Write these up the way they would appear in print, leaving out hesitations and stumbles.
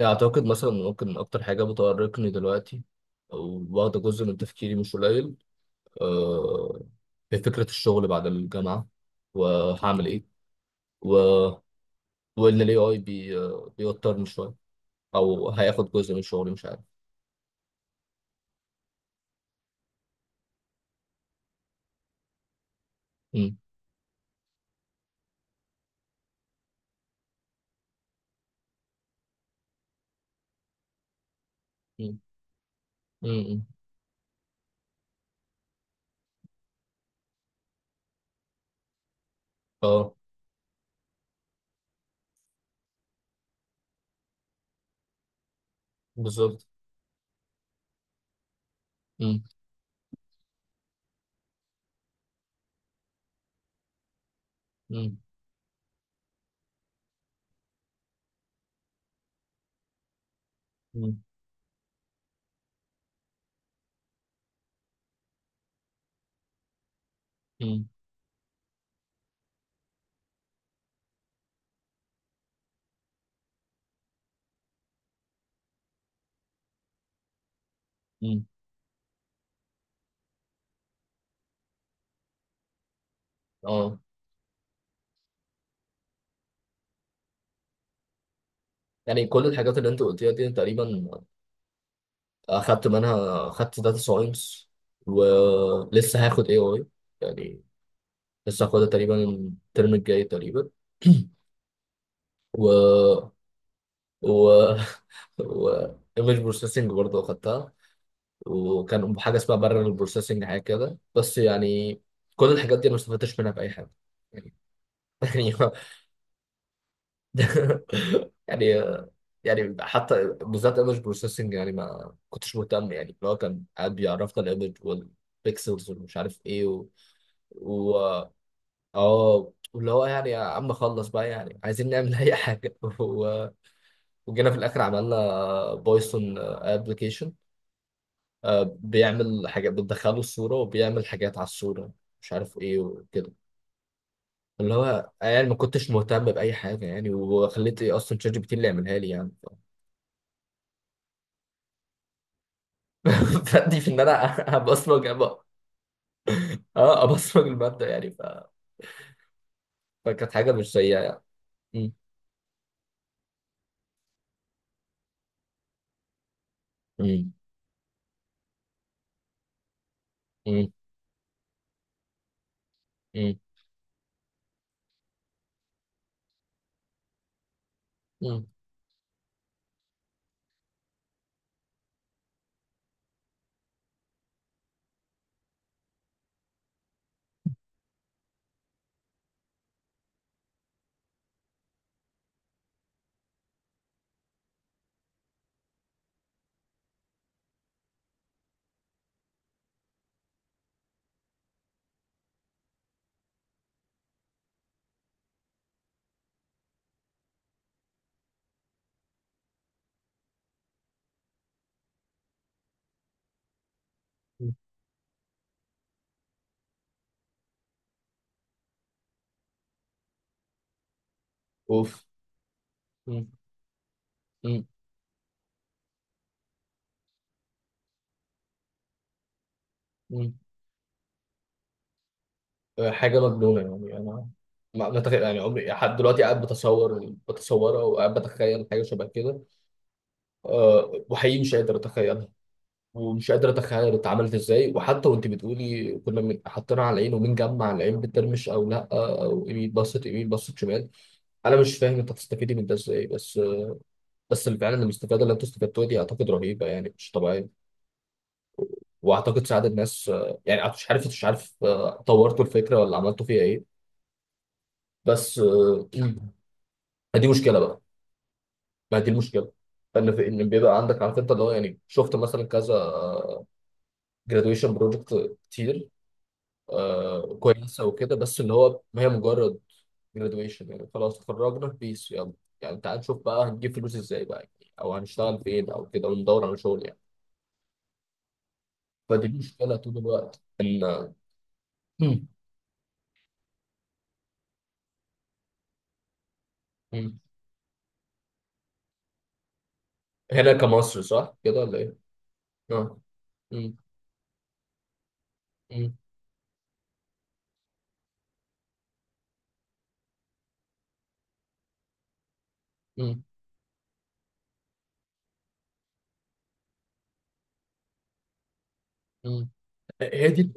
أعتقد مثلا ممكن أكتر حاجة بتؤرقني دلوقتي أو واخدة جزء من تفكيري مش قليل، آه، هي فكرة الشغل بعد الجامعة وهعمل إيه و... وإن ال AI بي... آه، بيوترني شوية أو هياخد جزء من شغلي مش عارف. مم. مم. مم. أه، بالظبط. مم. مم. مم. مم. مم. أه. يعني كل الحاجات اللي أنت قلتيها دي تقريبا، أخدت منها، أخدت داتا ساينس ولسه هاخد AI. يعني لسه هاخدها تقريبا الترم الجاي تقريبا. و و و ايمج بروسيسنج برضه اخدتها، وكان حاجه اسمها بارل بروسيسنج حاجه كده، بس يعني كل الحاجات دي انا ما استفدتش منها باي حاجه يعني. يعني يعني يعني حتى بالذات ايمج بروسيسنج يعني ما كنتش مهتم، يعني اللي هو كان قاعد بيعرفنا الايمج والبيكسلز ومش عارف ايه و- اه، واللي هو يعني يا عم خلص بقى، يعني عايزين نعمل اي حاجه. وجينا في الاخر عملنا بايثون ابلكيشن بيعمل حاجات بتدخله الصوره وبيعمل حاجات على الصوره، مش عارف ايه وكده. اللي هو يعني ما كنتش مهتم باي حاجه، يعني وخليت ايه اصلا شات جي بي تي اللي يعملها لي يعني. فدي في ان انا. ابصمج أب- اه، ابصمج الماده يعني فكانت حاجه مش سيئه يعني. م- م- م- م- م- م- اوف. م- م- حاجة مجنونة يعني أنا، ما ما تخ- يعني عمري لحد دلوقتي قاعد بتصورها، وقاعد بتخيل حاجة شبه كده. أه، وحقيقي مش قادر أتخيلها، ومش قادر أتخيل اتعملت إزاي. وحتى وأنت بتقولي كنا حاطينها على العين، ومين جمع العين بترمش أو لأ، أو يمين، بصت يمين بصت شمال. أنا مش فاهم أنت هتستفيدي من ده إزاي، بس اللي فعلا المستفادة اللي أنتوا استفدتوها دي أعتقد رهيبة يعني مش طبيعية. وأعتقد ساعد الناس، يعني مش عارف، طورتوا الفكرة ولا عملتوا فيها إيه؟ بس دي مشكلة بقى. ما دي المشكله، ان في ان بيبقى عندك عارف انت اللي هو يعني شفت مثلا كذا جرادويشن بروجكت كتير، آه كويسه وكده، بس اللي هو ما هي مجرد جرادويشن يعني. خلاص اتخرجنا بيس، يلا يعني تعال نشوف بقى هنجيب فلوس ازاي بقى، يعني او هنشتغل فين او كده، وندور على شغل يعني. فدي المشكله طول الوقت ان. مم. مم. هنا كمصر صح كده ولا ايه؟ اه. مم. مم. مم. مم. هي دي،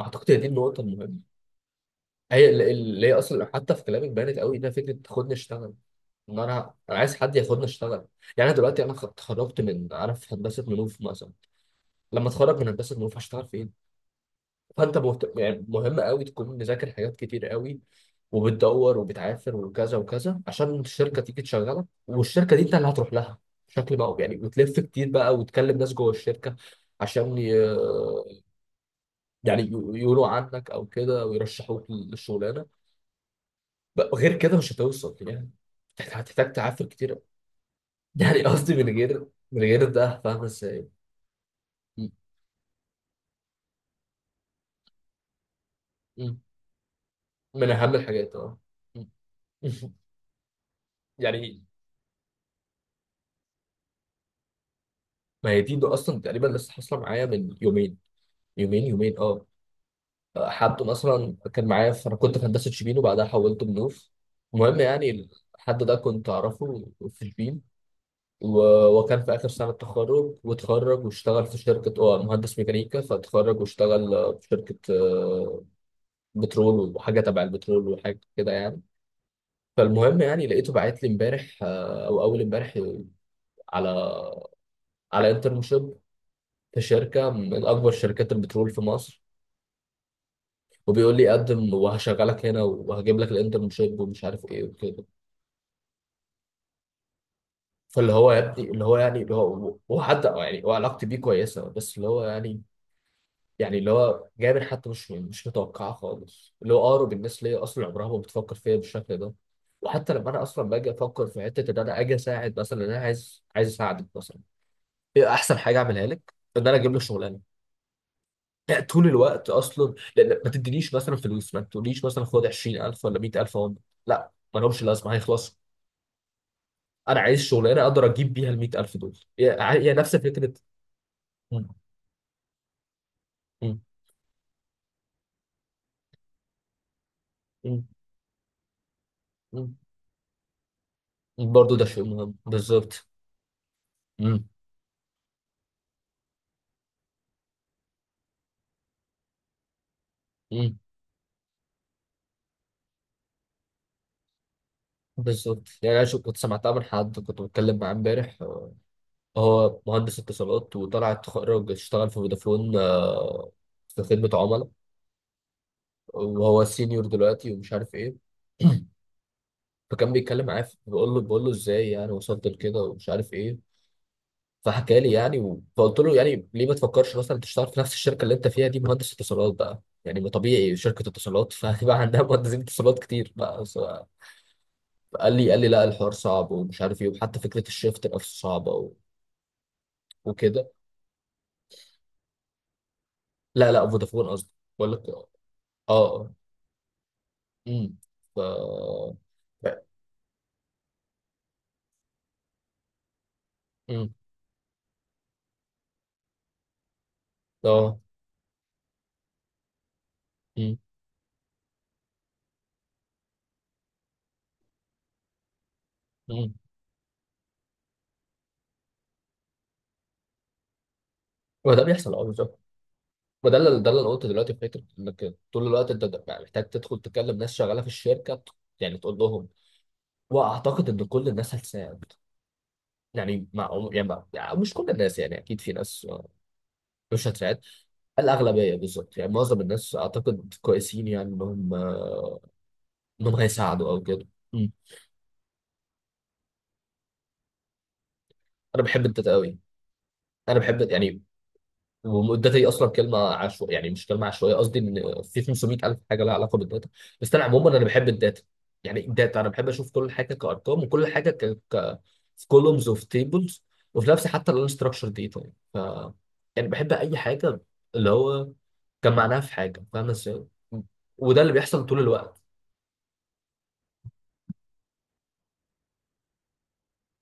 اعتقد هي دي النقطه المهمه. اللي هي اصلا حتى في كلامك بانت قوي انها فكره خدني اشتغل. ان انا عايز حد ياخدني اشتغل. يعني انا دلوقتي انا اتخرجت من عارف هندسه منوف مثلا، لما اتخرج من هندسه منوف هشتغل فين؟ فانت يعني مهم قوي تكون مذاكر حاجات كتير قوي، وبتدور وبتعافر وكذا وكذا عشان الشركه تيجي تشغلك. والشركه دي انت اللي هتروح لها بشكل بقى يعني، وتلف كتير بقى وتكلم ناس جوه الشركه عشان يعني ي- يقولوا عنك او كده ويرشحوك للشغلانه بقى. غير كده مش هتوصل يعني. هتحتاج تعافر كتير أوي. يعني قصدي من غير، من غير ده فاهم ازاي. م- م- من اهم الحاجات اه. م- يعني ما هي دي، ده اصلا تقريبا لسه حاصله معايا من يومين، يومين اه. حد مثلا كان معايا انا كنت في هندسه شبين وبعدها حولت منوف، المهم يعني. الحد ده كنت اعرفه في شبين، وكان في اخر سنه تخرج، واتخرج واشتغل في شركه، مهندس ميكانيكا، فاتخرج واشتغل، في شركه، بترول وحاجه تبع البترول وحاجه كده يعني. فالمهم يعني لقيته باعت لي امبارح، او اول امبارح، على انترنشيب في شركه من اكبر شركات البترول في مصر، وبيقول لي قدم وهشغلك هنا وهجيب لك الانترنشيب ومش عارف ايه وكده. فاللي هو يا ابني اللي هو يعني اللي هو هو حد يعني، هو علاقتي بيه كويسه، بس اللي هو يعني يعني اللي هو جابر حتى مش متوقعه خالص. اللي هو اقرب الناس ليا اصلا عمرها ما بتفكر فيا بالشكل ده، وحتى لما انا اصلا باجي افكر في حته ان انا اجي اساعد مثلا، إن انا عايز اساعدك مثلا، ايه احسن حاجه اعملها لك؟ ان انا اجيب لك شغلانه. لا، طول الوقت اصلا لان ما تدينيش مثلا فلوس، ما تقوليش مثلا خد 20000 ولا 100000 اهو. لا، ما لهمش لازمه، هيخلصوا. انا عايز شغلانه اقدر اجيب بيها ال 100000 دول. هي هي نفس فكره. مم. مم. مم. مم. برضو ده شيء مهم بالظبط. مم. مم. بالظبط. يعني انا كنت سمعتها من حد كنت بتكلم معاه امبارح، هو مهندس اتصالات وطلع اتخرج اشتغل في فودافون، في خدمة عملاء. وهو سينيور دلوقتي ومش عارف ايه. فكان بيتكلم معايا بقول له ازاي يعني وصلت لكده ومش عارف ايه. فحكى لي يعني، فقلت له يعني ليه ما تفكرش مثلا تشتغل في نفس الشركة اللي انت فيها دي؟ مهندس اتصالات بقى يعني، ما طبيعي شركة اتصالات فهيبقى عندها مهندسين اتصالات كتير بقى، قال لي لا الحوار صعب ومش عارف ايه، وحتى فكرة الشيفت نفسه صعبة وكده. لا لا، فودافون قصدي، بقول لك اه. اه. امم ف امم اه. امم امم وده بيحصل اه بالظبط. وده اللي انا قلته دلوقتي في فكره انك طول الوقت انت بقى محتاج تدخل تكلم ناس شغاله في الشركه، يعني تقول لهم. واعتقد ان كل الناس هتساعد، يعني مع يعني, مع يعني مش كل الناس يعني، اكيد في ناس مش هتساعد. الاغلبيه بالظبط، يعني معظم الناس اعتقد كويسين، يعني انهم، انهم هيساعدوا او كده. مم. انا بحب التداوي. انا بحب يعني، والداتا دي اصلا كلمه عشوائيه، يعني مش كلمه عشوائيه قصدي، ان في 500 الف حاجه لها علاقه بالداتا. بس انا عموما انا بحب الداتا. يعني الداتا انا بحب اشوف كل حاجه كارقام وكل حاجه في كولومز وفي تيبلز. وفي نفسي حتى الانستراكشر داتا يعني، يعني بحب اي حاجه اللي هو كان معناها في حاجه، فاهم ازاي. وده اللي بيحصل طول الوقت.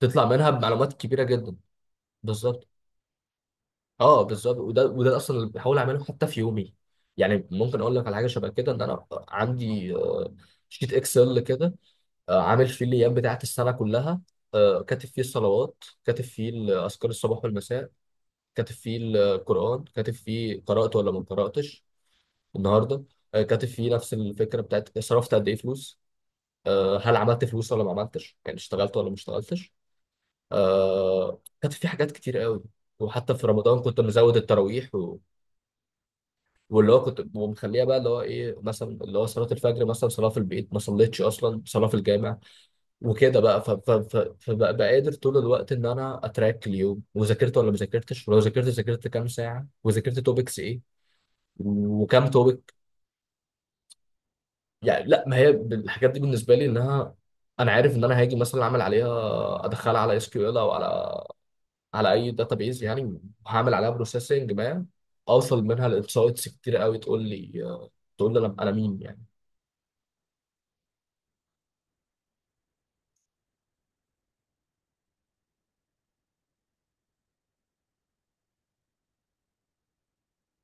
تطلع منها بمعلومات كبيره جدا. بالظبط اه، بالظبط. وده اصلا اللي بحاول اعمله حتى في يومي. يعني ممكن اقول لك على حاجه شبه كده ان انا عندي، شيت اكسل كده، عامل فيه الايام بتاعت السنه كلها. كاتب فيه الصلوات، كاتب فيه اذكار الصباح والمساء، كاتب فيه القران، كاتب فيه قرات ولا ما قراتش النهارده. كاتب فيه نفس الفكره بتاعت صرفت قد ايه فلوس. هل عملت فلوس ولا ما عملتش؟ يعني اشتغلت ولا ما اشتغلتش. كاتب فيه حاجات كتير قوي. وحتى في رمضان كنت مزود التراويح. واللي هو كنت ومخليها بقى اللي هو ايه مثلا، اللي هو صلاه الفجر مثلا، صلاه في البيت ما صليتش، اصلا صلاه في الجامع وكده بقى. فبقى قادر طول الوقت ان انا اتراك اليوم، وذاكرت ولا ما ذاكرتش، ولو ذاكرت ذاكرت كام ساعه وذاكرت توبكس ايه وكام توبك. يعني لا، ما هي الحاجات دي بالنسبه لي، انها انا عارف ان انا هاجي مثلا اعمل عليها، ادخلها على اس كيو ال او على اي داتابيز يعني. وهعمل عليها بروسيسنج ما اوصل منها لانسايتس كتير قوي. تقول لي انا مين يعني.